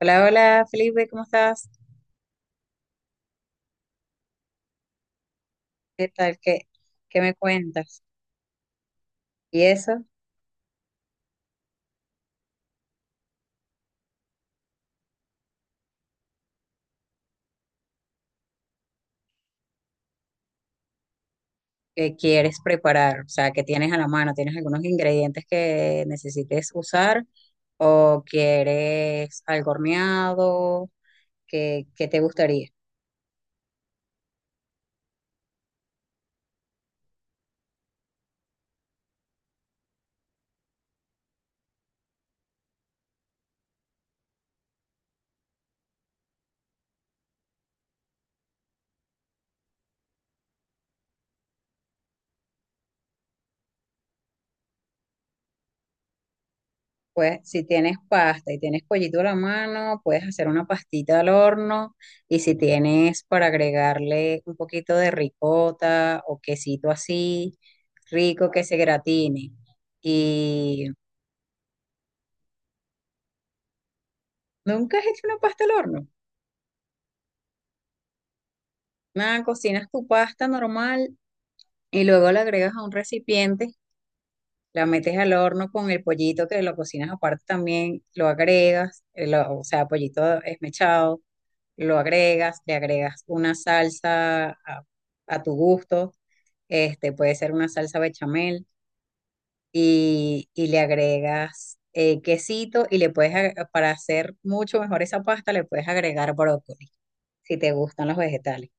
Hola, hola Felipe, ¿cómo estás? ¿Qué tal? ¿Qué me cuentas? ¿Y eso qué quieres preparar? O sea, ¿que tienes a la mano? ¿Tienes algunos ingredientes que necesites usar? ¿O quieres algo horneado? ¿Qué te gustaría? Pues si tienes pasta y tienes pollito a la mano, puedes hacer una pastita al horno. Y si tienes para agregarle un poquito de ricota o quesito así, rico que se gratine. Y ¿Nunca has hecho una pasta al horno? Nada, cocinas tu pasta normal y luego la agregas a un recipiente, la metes al horno con el pollito que lo cocinas aparte también, lo agregas, o sea, pollito esmechado, lo agregas, le agregas una salsa a tu gusto, este puede ser una salsa bechamel y le agregas quesito y para hacer mucho mejor esa pasta, le puedes agregar brócoli, si te gustan los vegetales.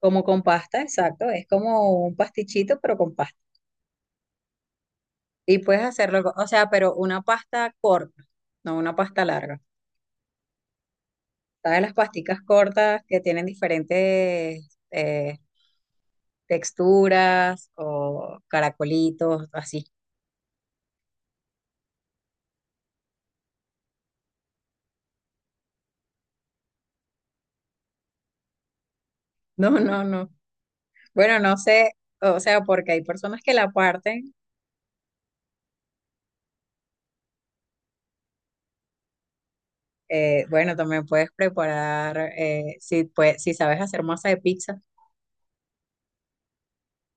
Como con pasta, exacto. Es como un pastichito, pero con pasta. Y puedes hacerlo, o sea, pero una pasta corta, no una pasta larga. ¿Sabes las pasticas cortas que tienen diferentes texturas o caracolitos, así? No, no, no. Bueno, no sé, o sea, porque hay personas que la parten. Bueno, también puedes preparar, si, pues, si sabes hacer masa de pizza,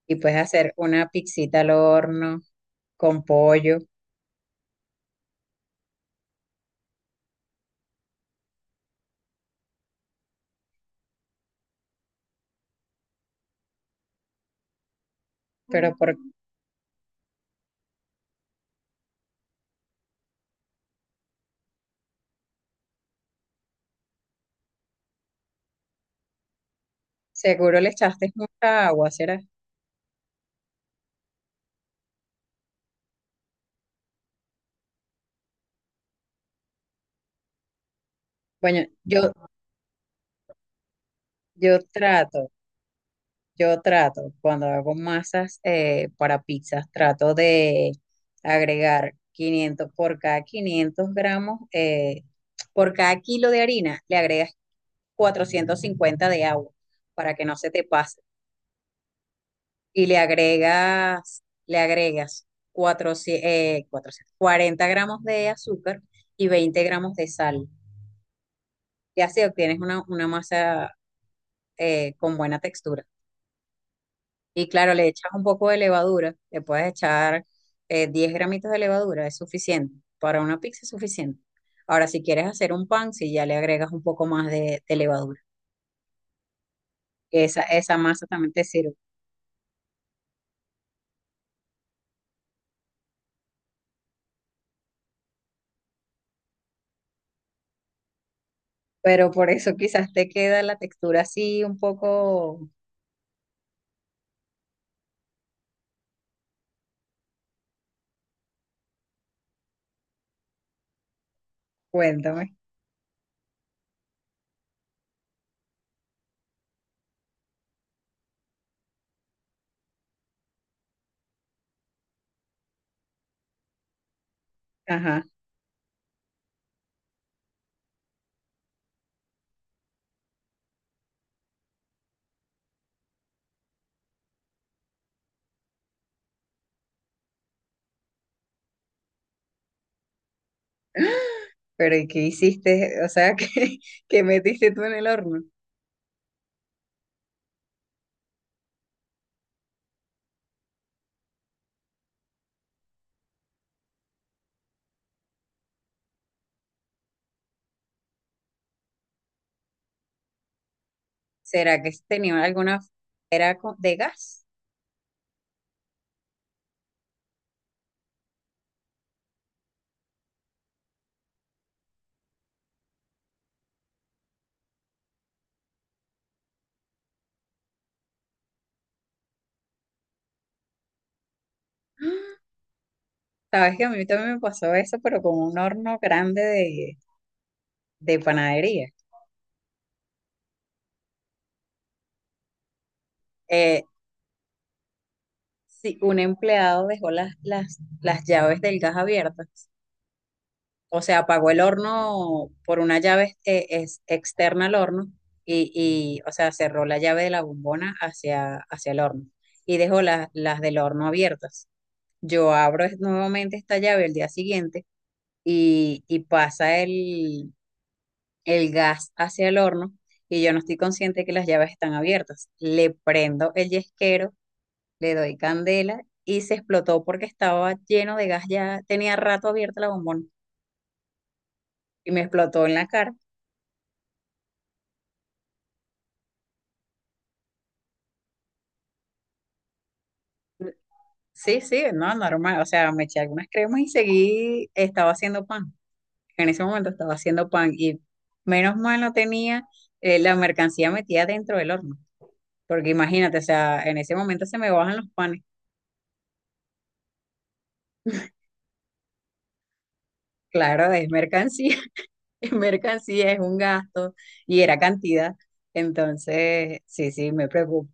y puedes hacer una pizzita al horno con pollo. pero por, Seguro le echaste mucha agua, ¿será? Bueno, yo trato, yo trato, cuando hago masas para pizzas, trato de agregar 500 por cada 500 gramos, por cada kilo de harina, le agregas 450 de agua para que no se te pase. Y le agregas 400 400, 40 gramos de azúcar y 20 gramos de sal. Y así obtienes una masa con buena textura. Y claro, le echas un poco de levadura, le puedes echar 10 gramitos de levadura, es suficiente. Para una pizza es suficiente. Ahora, si quieres hacer un pan, si ya le agregas un poco más de levadura, esa masa también te sirve. Pero por eso quizás te queda la textura así un poco. Cuéntame. Ajá, pero ¿y qué hiciste? O sea, ¿qué metiste tú en el horno? ¿Será que tenía alguna, era de gas? Sabes que a mí también me pasó eso, pero con un horno grande de panadería. Eh, sí, un empleado dejó las llaves del gas abiertas, o sea, apagó el horno por una llave externa al horno y o sea, cerró la llave de la bombona hacia el horno y dejó las del horno abiertas. Yo abro nuevamente esta llave el día siguiente y pasa el gas hacia el horno y yo no estoy consciente que las llaves están abiertas. Le prendo el yesquero, le doy candela y se explotó porque estaba lleno de gas, ya tenía rato abierta la bombón y me explotó en la cara. Sí, sí, no, normal, o sea, me eché algunas cremas y seguí, estaba haciendo pan. En ese momento estaba haciendo pan y menos mal no tenía la mercancía metida dentro del horno, porque imagínate, o sea, en ese momento se me bajan los panes. Claro, es mercancía. Mercancía, es un gasto y era cantidad. Entonces, sí, sí, me preocupo.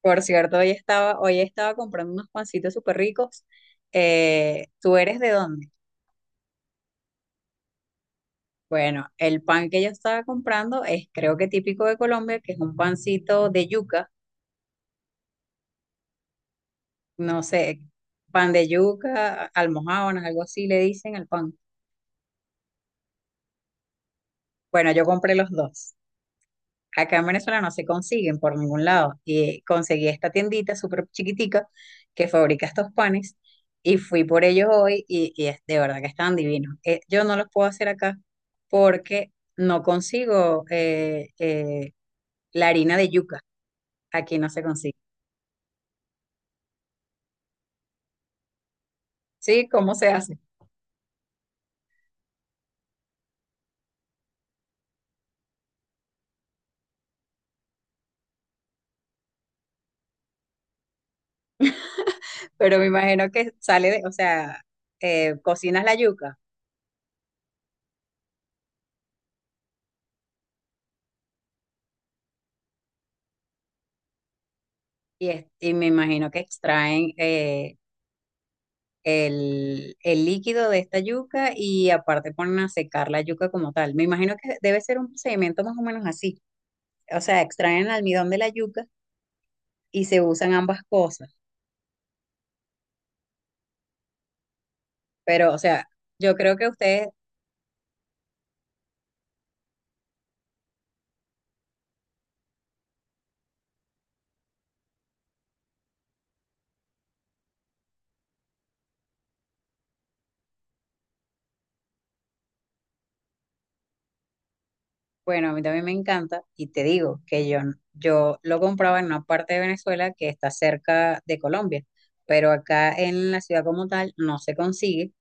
Por cierto, hoy estaba comprando unos pancitos súper ricos. ¿Tú eres de dónde? Bueno, el pan que yo estaba comprando es creo que típico de Colombia, que es un pancito de yuca, no sé, pan de yuca, almojábanas, algo así le dicen al pan. Bueno, yo compré los dos. Acá en Venezuela no se consiguen por ningún lado. Y conseguí esta tiendita súper chiquitica que fabrica estos panes y fui por ellos hoy y de verdad que están divinos. Yo no los puedo hacer acá porque no consigo la harina de yuca. Aquí no se consigue. Sí, ¿cómo se hace? Pero me imagino que sale de, o sea, cocinas la yuca y me imagino que extraen el líquido de esta yuca y aparte ponen a secar la yuca como tal. Me imagino que debe ser un procedimiento más o menos así. O sea, extraen el almidón de la yuca y se usan ambas cosas. Pero, o sea, yo creo que ustedes, bueno, a mí también me encanta y te digo que yo lo compraba en una parte de Venezuela que está cerca de Colombia, pero acá en la ciudad como tal no se consigue.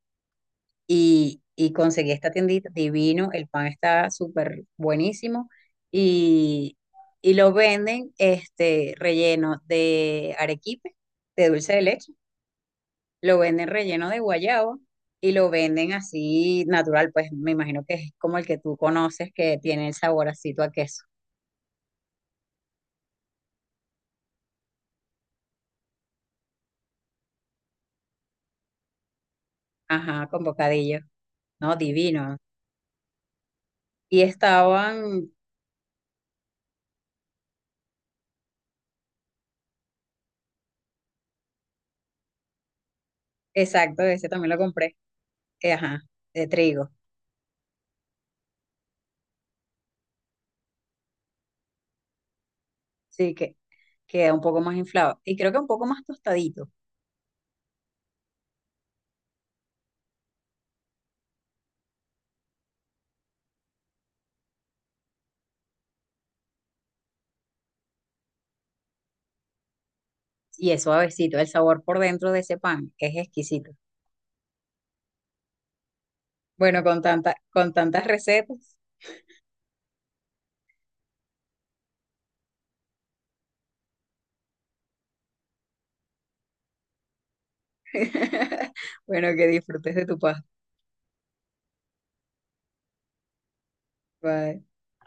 Y conseguí esta tiendita divino, el pan está súper buenísimo y, y lo venden este relleno de arequipe, de dulce de leche, lo venden relleno de guayaba y lo venden así natural, pues me imagino que es como el que tú conoces que tiene el saborcito a queso, ajá, con bocadillo, no, divino. Y estaban, exacto, ese también lo compré, ajá, de trigo, sí, que queda un poco más inflado y creo que un poco más tostadito. Y es suavecito. El sabor por dentro de ese pan es exquisito. Bueno, con tanta, con tantas recetas. Bueno, que disfrutes de tu pasta. Bye.